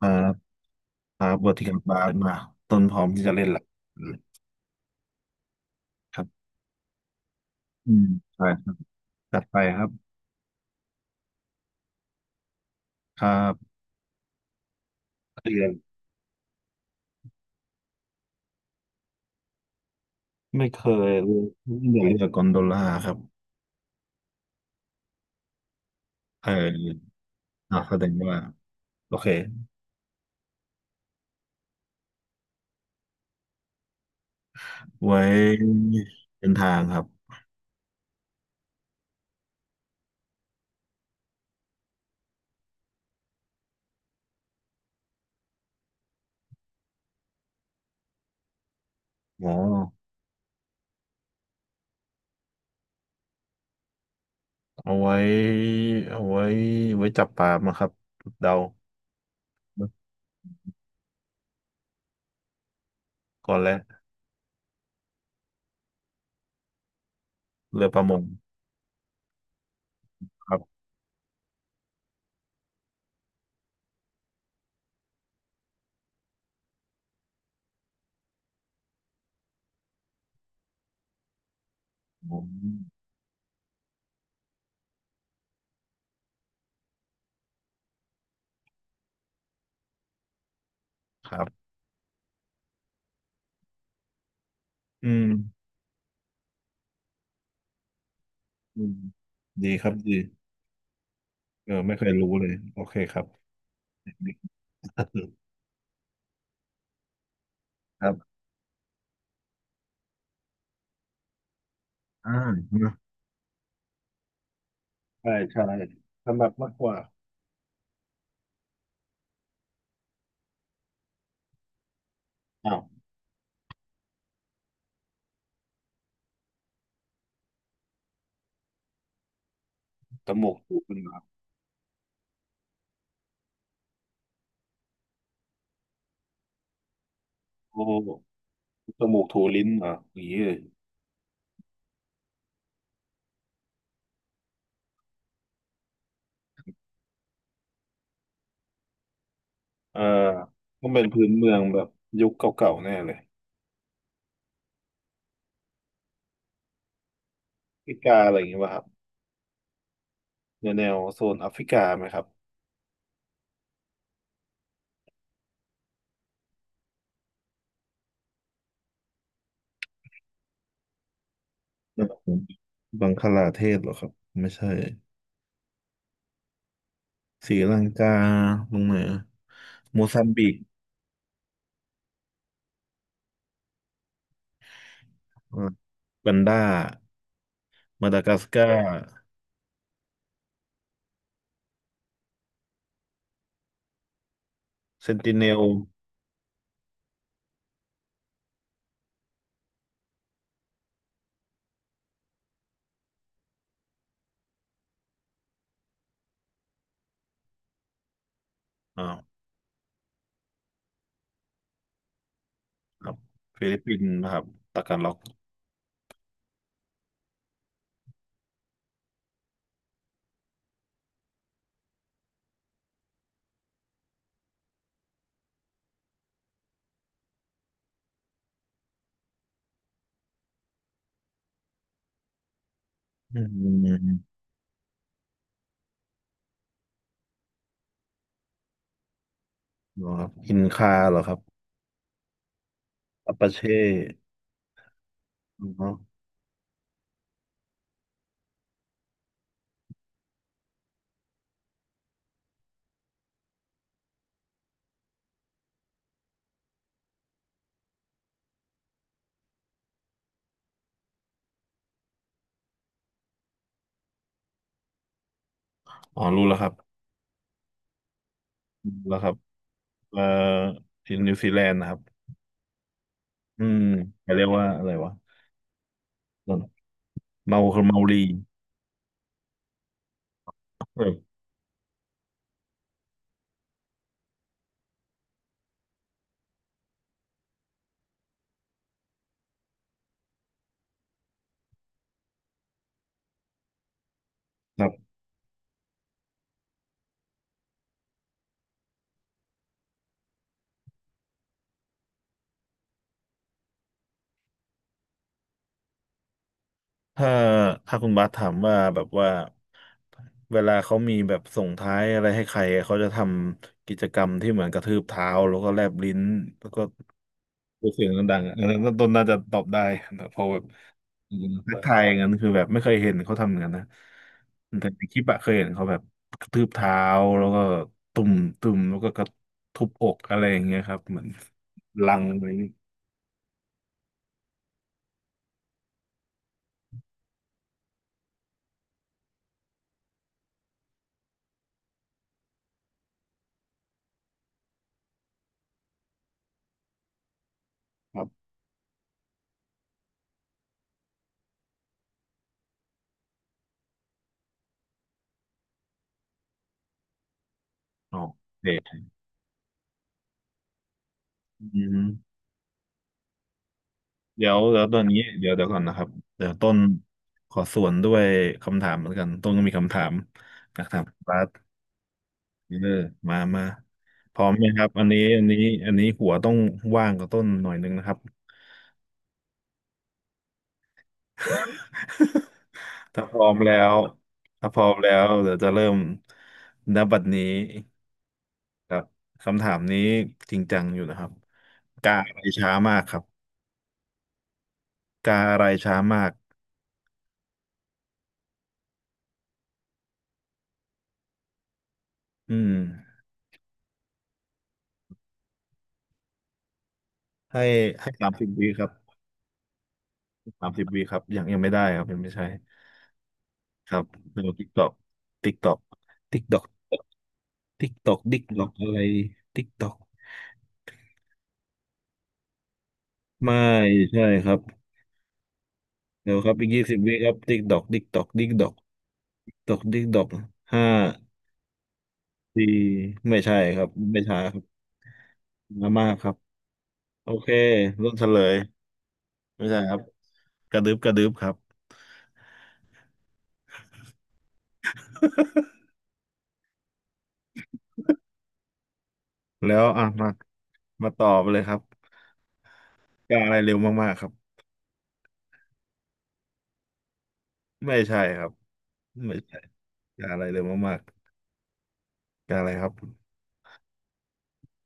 แล้วครับเวอร์ติคัลบาร์มาต้นพร้อมที่จะเล่นละืครับอืมใช่ครับจัดไปครับครับเรียนไม่เคยเรียนเรืองกอนโดล่าครับเออแสดงว่าโอเคไว้เดินทางครับอ๋อเอาไว้เอาไว้ไว้จับปลามาครับเดาก่อนแล้วเรือประมงครับผมครับอืมอืมดีครับดีเออไม่เคยรู้เลยโอเคครับ ครับ อ่าเนอะใช่ใช่ถนัดมากกว่าอ้าวจมูกถูกันเหรอโอ้จมูกถูลิ้นเหรออย่างนี้เลยเออต้องเป็นพื้นเมืองแบบยุคเก่าๆแน่เลยแอฟริกาอะไรอย่างงี้ป่ะครับแนวโซนแอฟริกาไหมครับแบบบังคลาเทศเหรอครับไม่ใช่ศรีลังกาลงเหนือโมซัมบิกอ่ากันดามาดากัสการ์เซนติเนลอ่าวครับฟิลิปปินส์นะครับตากันล็อกอืม เหรอครับอินคาเหรอครับอัปปาเช่อ๋ออ๋อรู้แล้วครับรู้แล้วครับเอ่อที่นิวซีแลนด์นะครับอืมเขาเรียกว่าอะไรวะเมารีเออครับถ้าถ้าคุณบาสถามว่าแบบว่าเวลาเขามีแบบส่งท้ายอะไรให้ใครเขาจะทำกิจกรรมที่เหมือนกระทืบเท้าแล้วก็แลบลิ้นแล้วก็ รู้เสียงดังๆอ่ะอันนั้นต้นน่าจะตอบได้แต่พอแบบทักทายอย่างนั้นคือแบบไม่เคยเห็นเขาทำอย่างนั้นนะแต่ในคลิปอะเคยเห็นเขาแบบกระทืบเท้าแล้วก็ตุ่ม ตุ่ม แล้วก็กระทุบอกอะไรอย่างเงี้ยครับเหมือนลังอะไรนียครับอ๋อเด็กอืมเดี๋ยวตอนนี้เดี๋ยวก่อนนะครับ เดี๋ยวต้นขอสวนด้วยคำถามเหมือนกัน ต้นก็มีคำถามอยากถามบาส เออมามา พร้อมไหมครับอันนี้หัวต้องว่างกับต้นหน่อยนึงนะครับ ถ้าพร้อมแล้วถ้าพร้อมแล้วเดี๋ยวจะเริ่มณบัดนี้ครับคำถามนี้จริงจังอยู่นะครับ กาอะไรช้ามากครับ กาอะไรช้ามากอืมให้ให้สามสิบวิครับสามสิบวิครับยังยังไม่ได้ครับยังไม่ใช่ครับเดี๋ยวติ๊กตอกติ๊กตอกติ๊กตอกติ๊กตอกดิ๊กตอกอะไรติ๊กตอก ไม่ใช่ครับเดี๋ยวครับอีก20 วิครับติ๊กดอกติ๊กดอกติ๊กดอกติ๊กดอกติ๊กดอกห้าสี่ไม่ใช่ครับไม่ใช่ครับมามากครับโอเครุ่นเฉลยไม่ใช่ครับกระดึบกระดึบครับ แล้วอ่ะมามาตอบเลยครับกาอะไรเร็วมากๆครับไม่ใช่ครับไม่ใช่กาอะไรเร็วมากๆกาอะไรครับ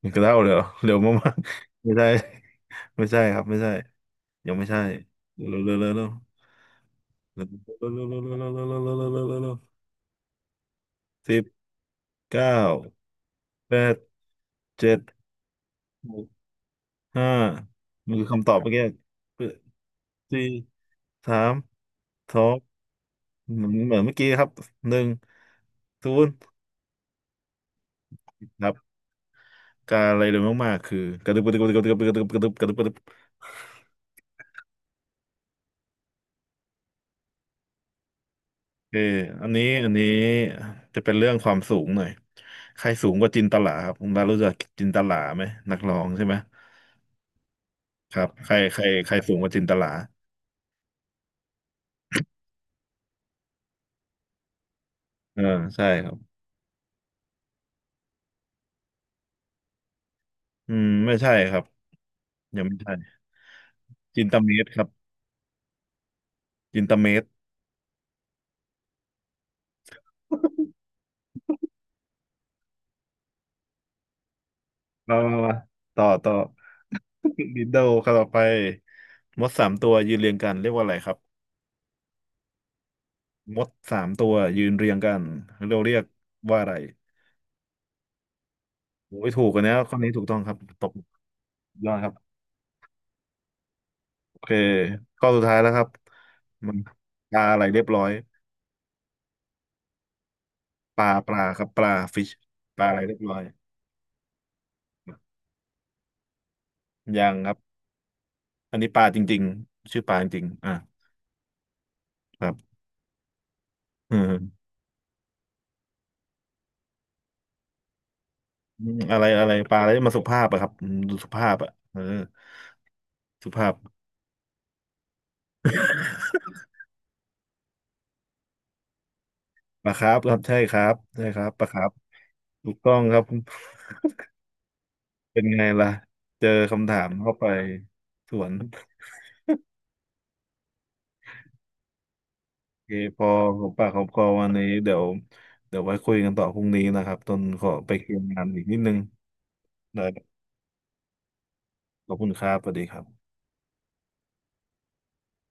แด้วเลย เหรอเร็วมากๆ ไม่ใช่ ไม่ใช่ครับไม่ใช่ยังไม่ใช่เร็วเร็วเร็วเร็วเร็วเร็วเร็วเร็วเร็วเร็วเร็วเร็วเร็วเร็วเร็วเร็วสิบเก้าแปดเจ็ดหกห้ามันคือคำตอบเมื่อกี้สี่สามสองเหมือนเหมือนเมื่อกี้ครับหนึ่งศูนย์ครับการอะไรเร็วมากๆคือกระดึบกระดึบกระดึบกระดึบกระดึบกระดึบกระดึบ เอออันนี้อันนี้จะเป็นเรื่องความสูงหน่อย ใครสูงกว่าจินตลาครับคุณบาสรู้จักจินตลาไหมนักร้องใช่ไหมครับใครใครใครสูงกว่าจินตลาเออใช่ครับอืมไม่ใช่ครับยังไม่ใช่จินตเมตรครับจินตเมตรมามามาต่อต่อ ดินโดครับต่อไปมดสามตัวยืนเรียงกันเรียกว่าอะไรครับมดสามตัวยืนเรียงกันเราเรียกว่าอะไรโอ้ยถูกกันนะข้อนี้ถูกต้องครับตบยอดครับ โอเคข้อสุดท้ายแล้วครับมันปลาอะไรเรียบร้อยปลาครับปลาฟิชปลาอะไรเรียบร้อยยังครับอันนี้ปลาจริงๆชื่อปลาจริงๆอ่ะครับอืมอะไรอะไรปลาอะไรมาสุภาพอะครับอืมดูสุภาพอะเออสุภาพปลาครับครับใช่ครับใช่ครับปลาครับถูกต้องครับ เป็นไงล่ะเจอคำถามเข้าไปสวน โอเคพอของปากของคอวันนี้เดี๋ยวเดี๋ยวไว้คุยกันต่อพรุ่งนี้นะครับตนขอไปเคลียร์งานอีกนิดนึงได้ขอบคุณครับสวัสดีครับ